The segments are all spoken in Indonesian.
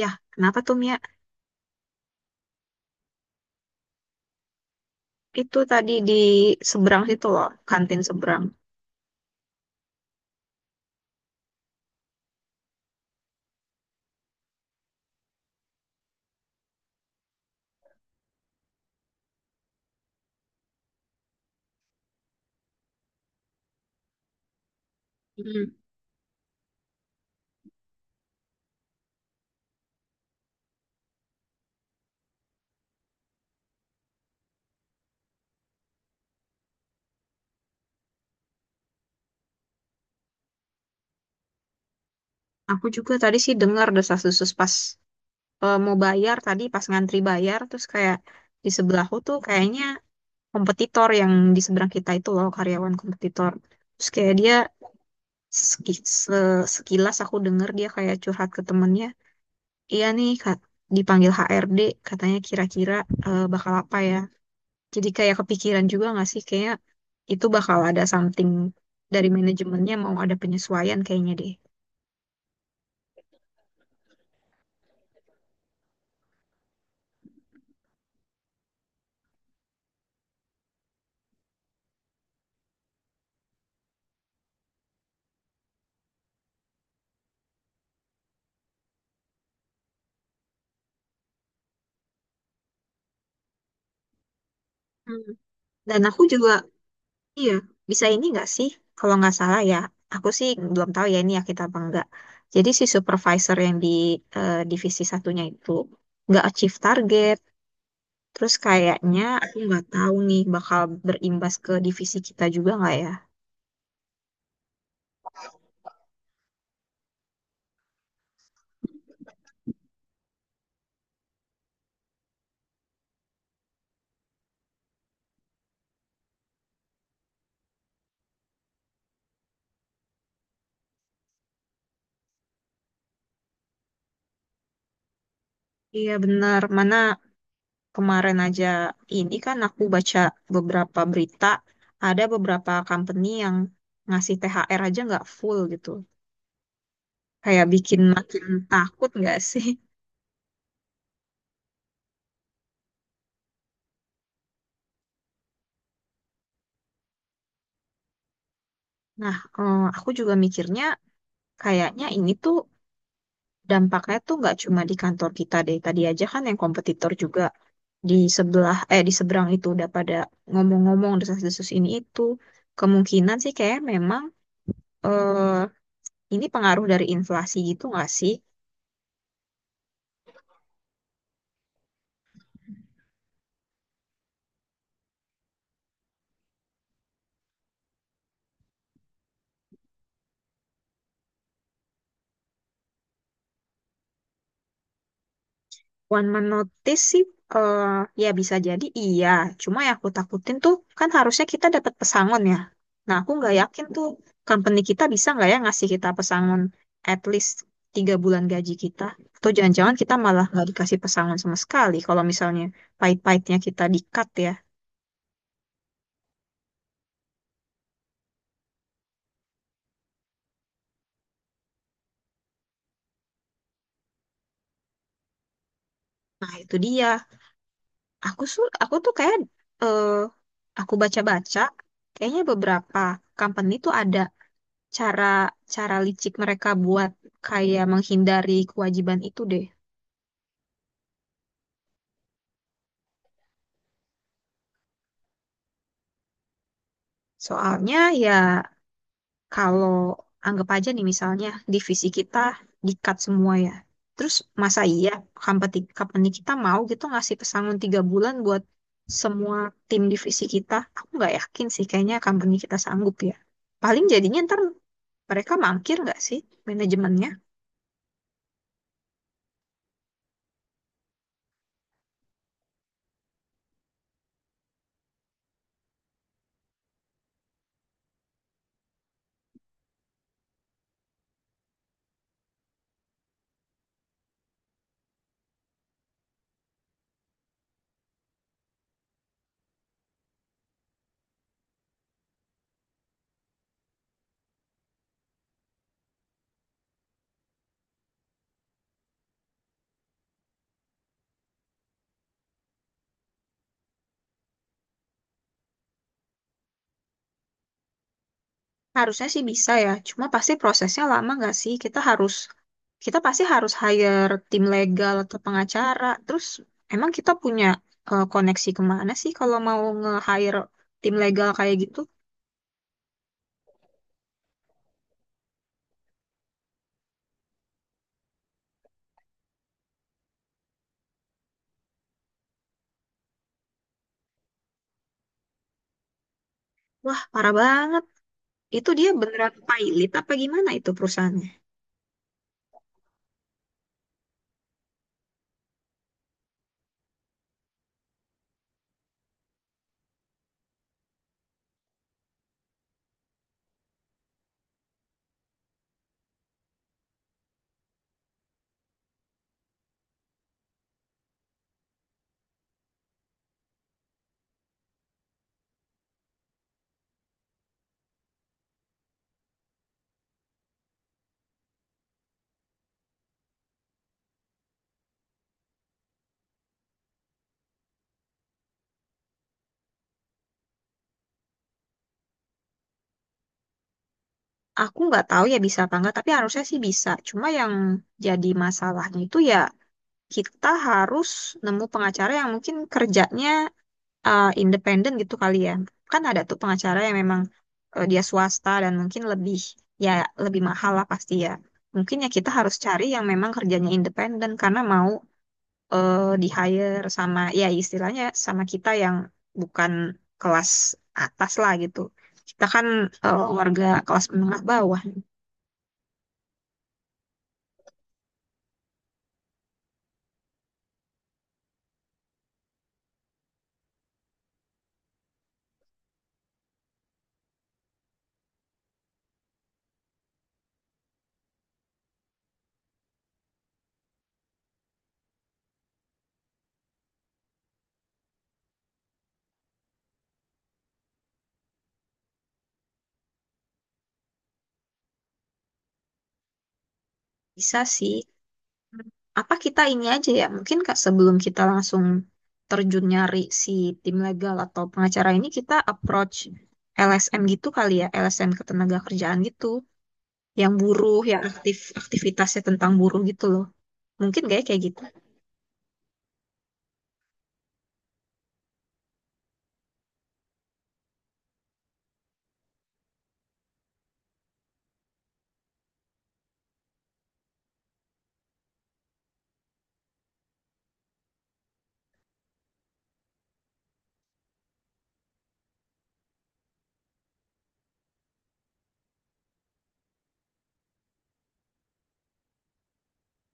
Ya, kenapa tuh Mia? Itu tadi di seberang situ loh, kantin seberang. Mm. Aku juga tadi sih dengar desas-desus pas mau bayar tadi pas ngantri bayar terus kayak di sebelahku tuh kayaknya kompetitor yang di seberang kita itu loh karyawan kompetitor. Terus kayak dia sekilas aku dengar dia kayak curhat ke temennya. Iya nih Kak, dipanggil HRD katanya kira-kira bakal apa ya. Jadi kayak kepikiran juga nggak sih kayak itu bakal ada something dari manajemennya mau ada penyesuaian kayaknya deh. Hmm. Dan aku juga, iya, bisa ini nggak sih, kalau nggak salah ya, aku sih belum tahu ya ini ya kita apa enggak. Jadi si supervisor yang di divisi satunya itu nggak achieve target. Terus kayaknya aku nggak tahu nih bakal berimbas ke divisi kita juga nggak ya? Iya benar. Mana kemarin aja ini kan aku baca beberapa berita, ada beberapa company yang ngasih THR aja nggak full gitu. Kayak bikin makin takut nggak sih? Nah, aku juga mikirnya kayaknya ini tuh dampaknya tuh nggak cuma di kantor kita deh. Tadi aja kan yang kompetitor juga di sebelah, eh di seberang itu udah pada ngomong-ngomong desas-desus ini itu. Kemungkinan sih kayak memang eh, ini pengaruh dari inflasi gitu nggak sih? One man notice sih, eh, ya bisa jadi iya. Cuma yang aku takutin tuh, kan harusnya kita dapat pesangon ya. Nah, aku nggak yakin tuh, company kita bisa nggak ya ngasih kita pesangon at least 3 bulan gaji kita. Atau jangan-jangan kita malah nggak dikasih pesangon sama sekali kalau misalnya pahit-pahitnya kita di-cut ya. Nah, itu dia. Aku tuh kayak, eh, aku baca-baca, kayaknya beberapa company tuh ada cara cara licik mereka buat kayak menghindari kewajiban itu deh. Soalnya ya kalau anggap aja nih misalnya divisi kita di-cut semua ya. Terus masa iya company, company kita mau gitu ngasih pesangon 3 bulan buat semua tim divisi kita? Aku nggak yakin sih kayaknya company kita sanggup ya. Paling jadinya ntar mereka mangkir nggak sih manajemennya? Harusnya sih bisa ya, cuma pasti prosesnya lama nggak sih? Kita pasti harus hire tim legal atau pengacara. Terus emang kita punya koneksi kemana sih kalau mau nge-hire tim legal kayak gitu? Wah, parah banget. Itu dia beneran pilot apa gimana itu perusahaannya? Aku nggak tahu ya bisa apa nggak, tapi harusnya sih bisa. Cuma yang jadi masalahnya itu ya kita harus nemu pengacara yang mungkin kerjanya independen gitu kali ya. Kan ada tuh pengacara yang memang dia swasta dan mungkin lebih, ya, lebih mahal lah pasti ya. Mungkin ya kita harus cari yang memang kerjanya independen karena mau di hire sama, ya istilahnya sama kita yang bukan kelas atas lah gitu. Kita kan warga kelas menengah bawah. Bisa sih. Apa kita ini aja ya, mungkin Kak, sebelum kita langsung terjun nyari si tim legal atau pengacara ini, kita approach LSM gitu kali ya, LSM ketenaga kerjaan gitu, yang buruh, yang aktivitasnya tentang buruh gitu loh. Mungkin kayak kayak gitu.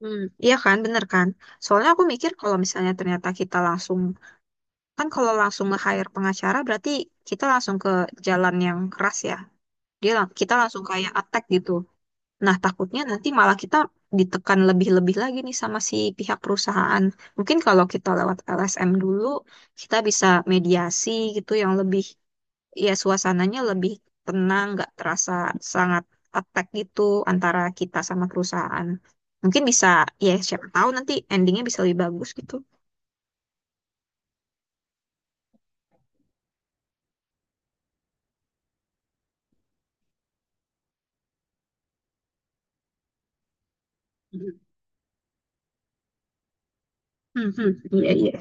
Hmm, iya kan, bener kan? Soalnya aku mikir kalau misalnya ternyata kita langsung, kan kalau langsung nge-hire pengacara berarti kita langsung ke jalan yang keras ya. Kita langsung kayak attack gitu. Nah, takutnya nanti malah kita ditekan lebih-lebih lagi nih sama si pihak perusahaan. Mungkin kalau kita lewat LSM dulu, kita bisa mediasi gitu yang lebih, ya, suasananya lebih tenang, nggak terasa sangat attack gitu antara kita sama perusahaan. Mungkin bisa, ya siapa tahu nanti endingnya bisa lebih bagus gitu. Hmm. Hmm. Iya, iya.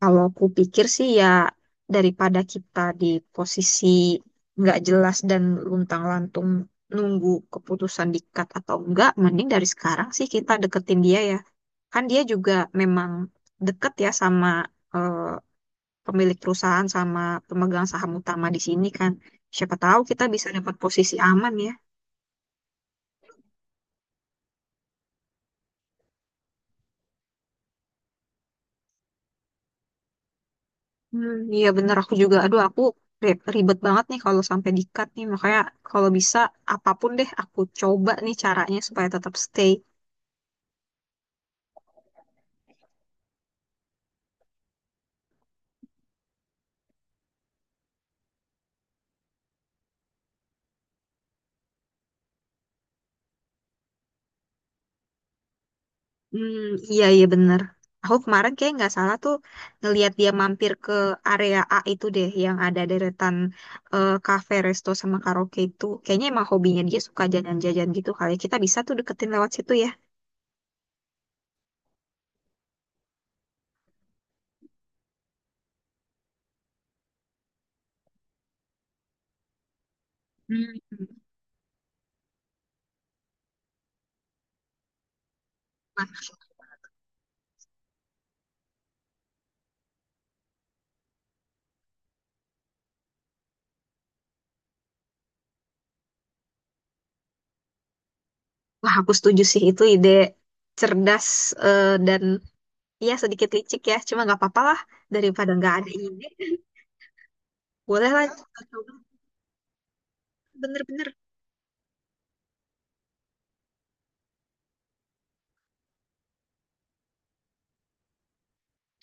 Kalau aku pikir sih ya daripada kita di posisi nggak jelas dan luntang-lantung nunggu keputusan dikat atau enggak, mending dari sekarang sih kita deketin dia ya. Kan dia juga memang deket ya sama eh, pemilik perusahaan sama pemegang saham utama di sini kan. Siapa tahu kita bisa dapat posisi aman ya. Hmm, iya bener aku juga. Aduh aku ribet banget nih kalau sampai di-cut nih. Makanya kalau bisa apapun deh aku coba nih caranya supaya tetap stay. Hmm, iya iya bener. Aku kemarin kayak nggak salah tuh ngelihat dia mampir ke area A itu deh yang ada deretan cafe, resto sama karaoke itu. Kayaknya emang hobinya dia suka jajan-jajan gitu kali ya. Kita bisa tuh deketin lewat situ ya. Hmm. Wah, aku setuju sih itu ide cerdas, dan iya sedikit licik ya, cuma nggak apa-apa lah daripada nggak ada ide. Boleh lah kita coba bener-bener.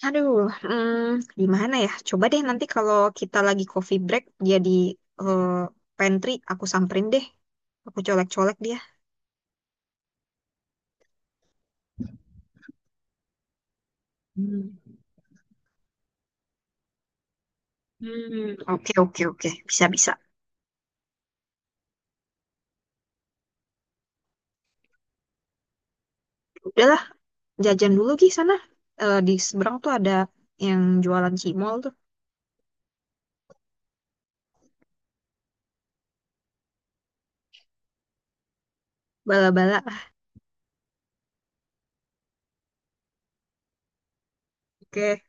Aduh, hmm, gimana ya? Coba deh nanti kalau kita lagi coffee break, jadi eh, pantry, aku samperin deh. Aku colek-colek dia. Hmm. Hmm, oke oke oke, bisa bisa. Udahlah, jajan dulu Gi sana. Eh, di seberang tuh ada yang jualan cimol tuh, bala-bala. Oke.